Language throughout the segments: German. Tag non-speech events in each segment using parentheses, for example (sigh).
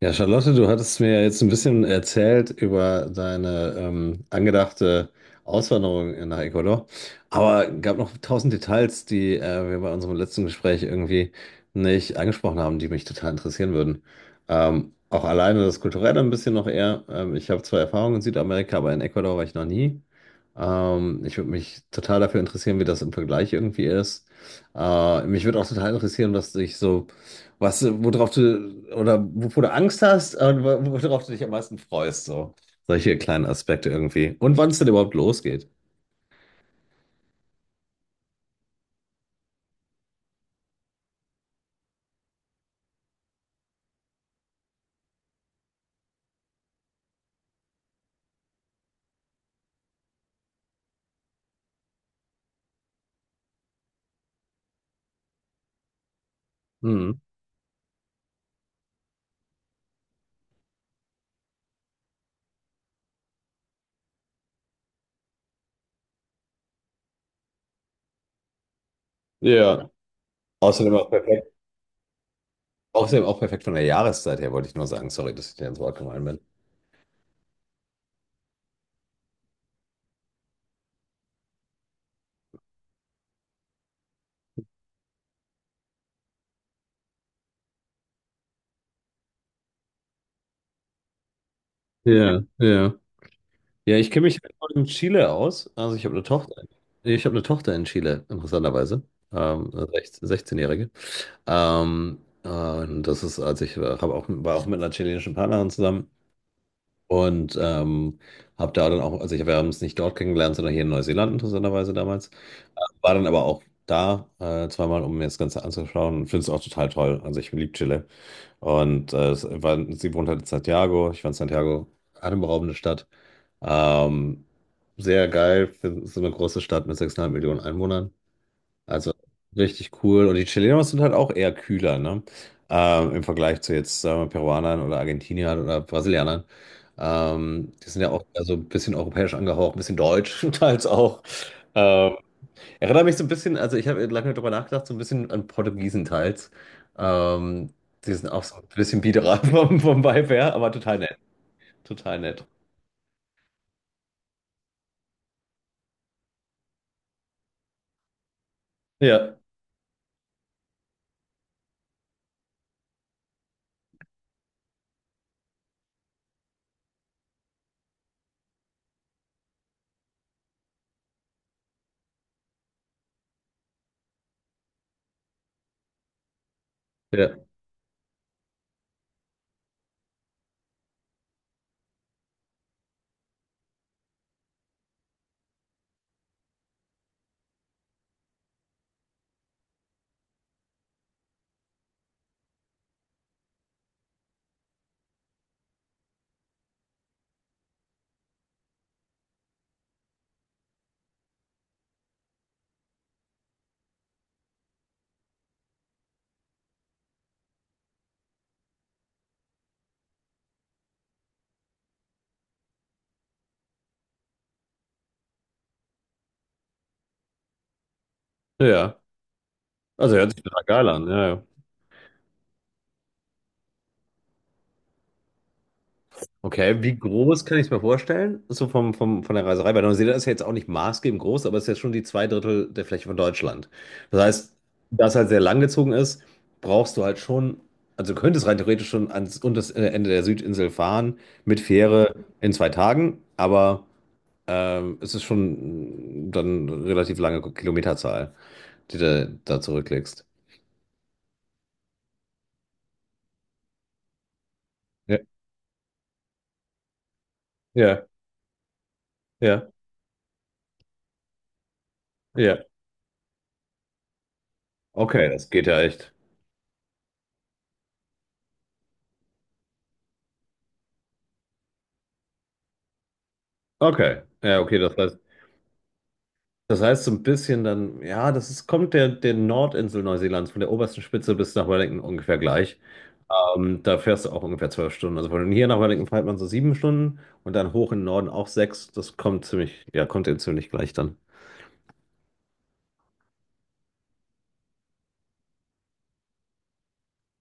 Ja, Charlotte, du hattest mir ja jetzt ein bisschen erzählt über deine angedachte Auswanderung nach Ecuador, aber gab noch tausend Details, die wir bei unserem letzten Gespräch irgendwie nicht angesprochen haben, die mich total interessieren würden. Auch alleine das Kulturelle ein bisschen noch eher. Ich habe zwar Erfahrungen in Südamerika, aber in Ecuador war ich noch nie. Ich würde mich total dafür interessieren, wie das im Vergleich irgendwie ist. Mich würde auch total interessieren, was dich so worauf du, oder wovor du Angst hast und worauf du dich am meisten freust, so. Solche kleinen Aspekte irgendwie. Und wann es denn überhaupt losgeht. Hm. Ja. Außerdem auch perfekt, außerdem auch perfekt von der Jahreszeit her, wollte ich nur sagen. Sorry, dass ich dir ins Wort gefallen bin. Ja, ja. Ja, ich kenne mich in Chile aus. Also ich habe eine Tochter. Ich habe eine Tochter in Chile, interessanterweise. Eine 16 16-Jährige. Und das ist, als ich hab auch, war auch mit einer chilenischen Partnerin zusammen. Und habe da dann auch, also ich, wir haben es nicht dort kennengelernt, sondern hier in Neuseeland interessanterweise damals. War dann aber auch da zweimal, um mir das Ganze anzuschauen und finde es auch total toll. Also ich liebe Chile. Und sie wohnt halt in Santiago. Ich fand Santiago atemberaubende Stadt. Ähm, Sehr geil. Es ist eine große Stadt mit 6,5 Millionen Einwohnern. Also richtig cool. Und die Chilenos sind halt auch eher kühler, ne? Im Vergleich zu jetzt, sagen wir, Peruanern oder Argentiniern oder Brasilianern. Die sind ja auch eher so ein bisschen europäisch angehaucht, ein bisschen deutsch (laughs) teils auch. Ähm, Erinnert mich so ein bisschen, also ich habe lange darüber nachgedacht, so ein bisschen an Portugiesen teils. Ähm, Die sind auch so ein bisschen biederer (laughs) vom Vibe her, aber total nett. Total nett. Ja, ja, ja. Also hört sich total geil an, ja, ja. Okay, wie groß kann ich es mir vorstellen? So von der Reiserei, weil Neuseeland ist ja jetzt auch nicht maßgebend groß, aber es ist ja schon die zwei Drittel der Fläche von Deutschland. Das heißt, da es halt sehr langgezogen ist, brauchst du halt schon, also du könntest rein theoretisch schon ans unterste Ende der Südinsel fahren mit Fähre in zwei Tagen, aber es ist schon dann eine relativ lange Kilometerzahl, die du da zurücklegst. Ja, ja, ja, ja. Okay, das geht ja echt. Okay, ja, okay, das heißt. Das heißt so ein bisschen dann, ja, das ist, kommt der Nordinsel Neuseelands von der obersten Spitze bis nach Wellington ungefähr gleich. Da fährst du auch ungefähr zwölf Stunden. Also von hier nach Wellington fährt man so sieben Stunden und dann hoch in den Norden auch sechs. Das kommt ziemlich, ja, kommt eben ziemlich gleich dann.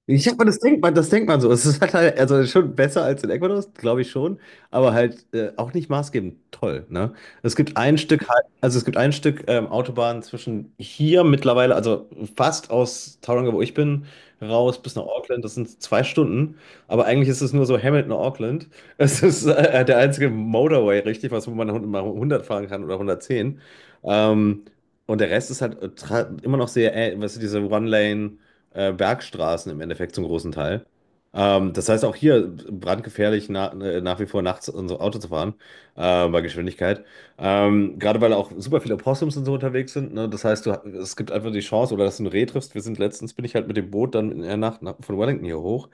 Ich habe das denkt man so. Es ist halt also schon besser als in Ecuador, glaube ich schon, aber halt auch nicht maßgebend toll, ne? Es gibt ein Stück, Hei- Also es gibt ein Stück Autobahn zwischen hier mittlerweile, also fast aus Tauranga, wo ich bin, raus bis nach Auckland. Das sind zwei Stunden, aber eigentlich ist es nur so Hamilton, Auckland. (laughs) Es ist der einzige Motorway, richtig, was wo man mal 100 fahren kann oder 110. Ähm, und der Rest ist halt immer noch sehr, weißt du, diese One-Lane Bergstraßen im Endeffekt zum großen Teil. Das heißt auch hier brandgefährlich nach wie vor nachts unser Auto zu fahren, bei Geschwindigkeit. Gerade weil auch super viele Opossums und so unterwegs sind. Ne? Das heißt, es gibt einfach die Chance, oder dass du ein Reh triffst. Bin ich halt mit dem Boot dann in der Nacht von Wellington hier hoch,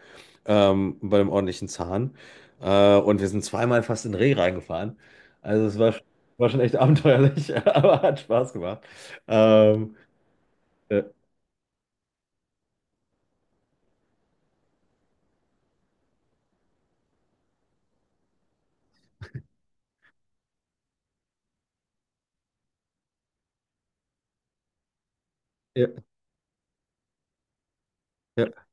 bei einem ordentlichen Zahn. Und wir sind zweimal fast in Reh reingefahren. Also war schon echt abenteuerlich, (laughs) aber hat Spaß gemacht. Ähm, äh, ja. Ja.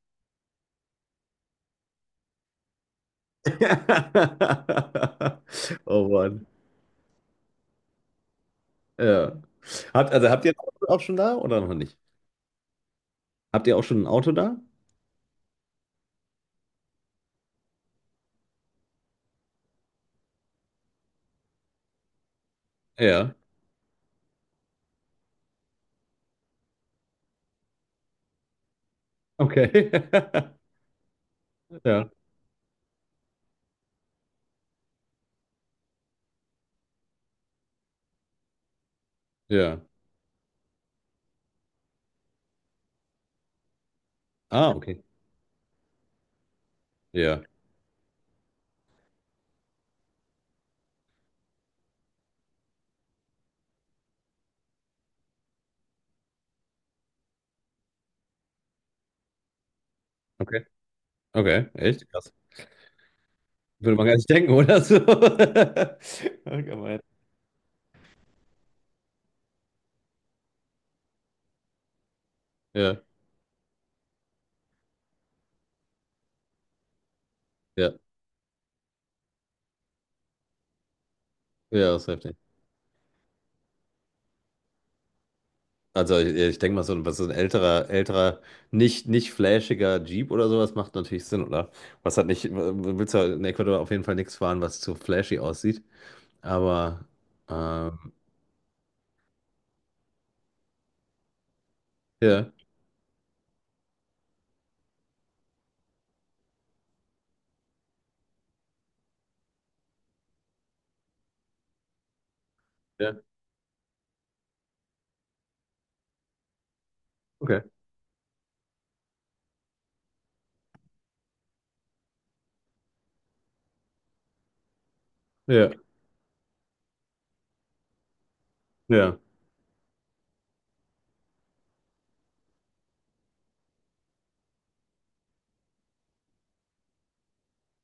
(laughs) Oh Mann. Ja. Also habt ihr ein Auto auch schon da oder noch nicht? Habt ihr auch schon ein Auto da? Ja. Okay. (laughs) Ja. Ja. Ah, okay. Ja. Okay. Okay. Echt? Krass. Würde man gar nicht denken, oder so? (laughs) Ah, Gemein. Ja. Ja. Ja, das ist heftig. Also ich denke mal, was so ein nicht flashiger Jeep oder sowas macht natürlich Sinn, oder? Was hat nicht, Willst du in Ecuador auf jeden Fall nichts fahren, was zu flashy aussieht? Aber ähm, ja, ja, okay. Ja, ja,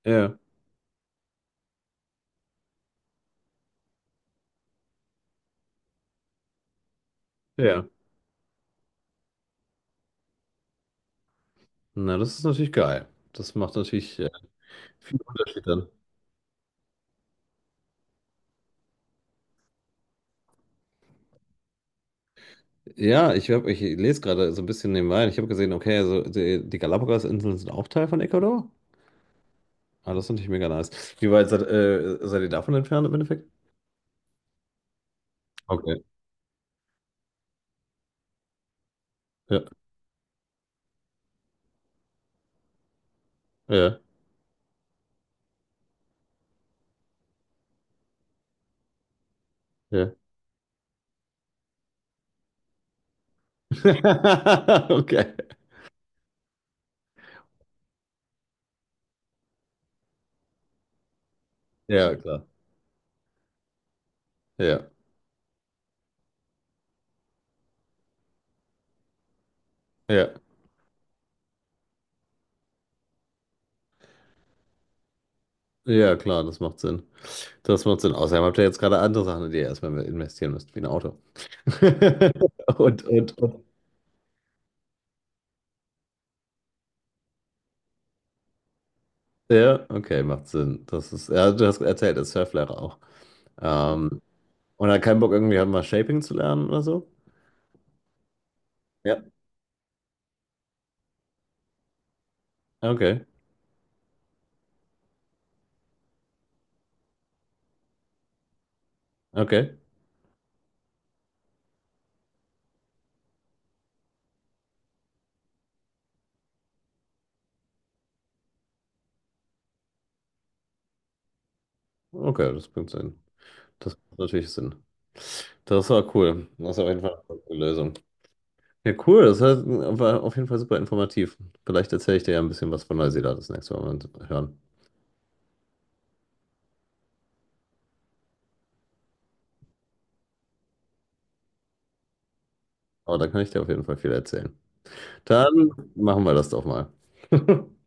ja, ja. Na, das ist natürlich geil. Das macht natürlich viel Unterschied dann. Ja, ich lese gerade so ein bisschen nebenbei. Ich habe gesehen, okay, also die Galapagos-Inseln sind auch Teil von Ecuador. Ah, das ist natürlich mega nice. Wie weit seid ihr davon entfernt im Endeffekt? Okay. Ja, ja, ja. (laughs) Okay. Ja, klar. Ja, ja. Ja, klar, das macht Sinn. Das macht Sinn. Außerdem habt ihr jetzt gerade andere Sachen, in die ihr erstmal investieren müsst, wie ein Auto. (laughs) Und, und. Ja, okay, macht Sinn. Das ist, ja, du hast erzählt, als Surflehrer auch. Ähm, und hat keinen Bock, irgendwie halt mal Shaping zu lernen oder so? Ja. Okay, okay, okay, das bringt Sinn. Das macht natürlich Sinn. Das war cool. Das ist auf jeden Fall eine gute Lösung. Ja, cool. War auf jeden Fall super informativ. Vielleicht erzähle ich dir ja ein bisschen was von Neuseeland das nächste Mal, wenn wir uns hören. Oh, da kann ich dir auf jeden Fall viel erzählen. Dann machen wir das doch mal. (laughs)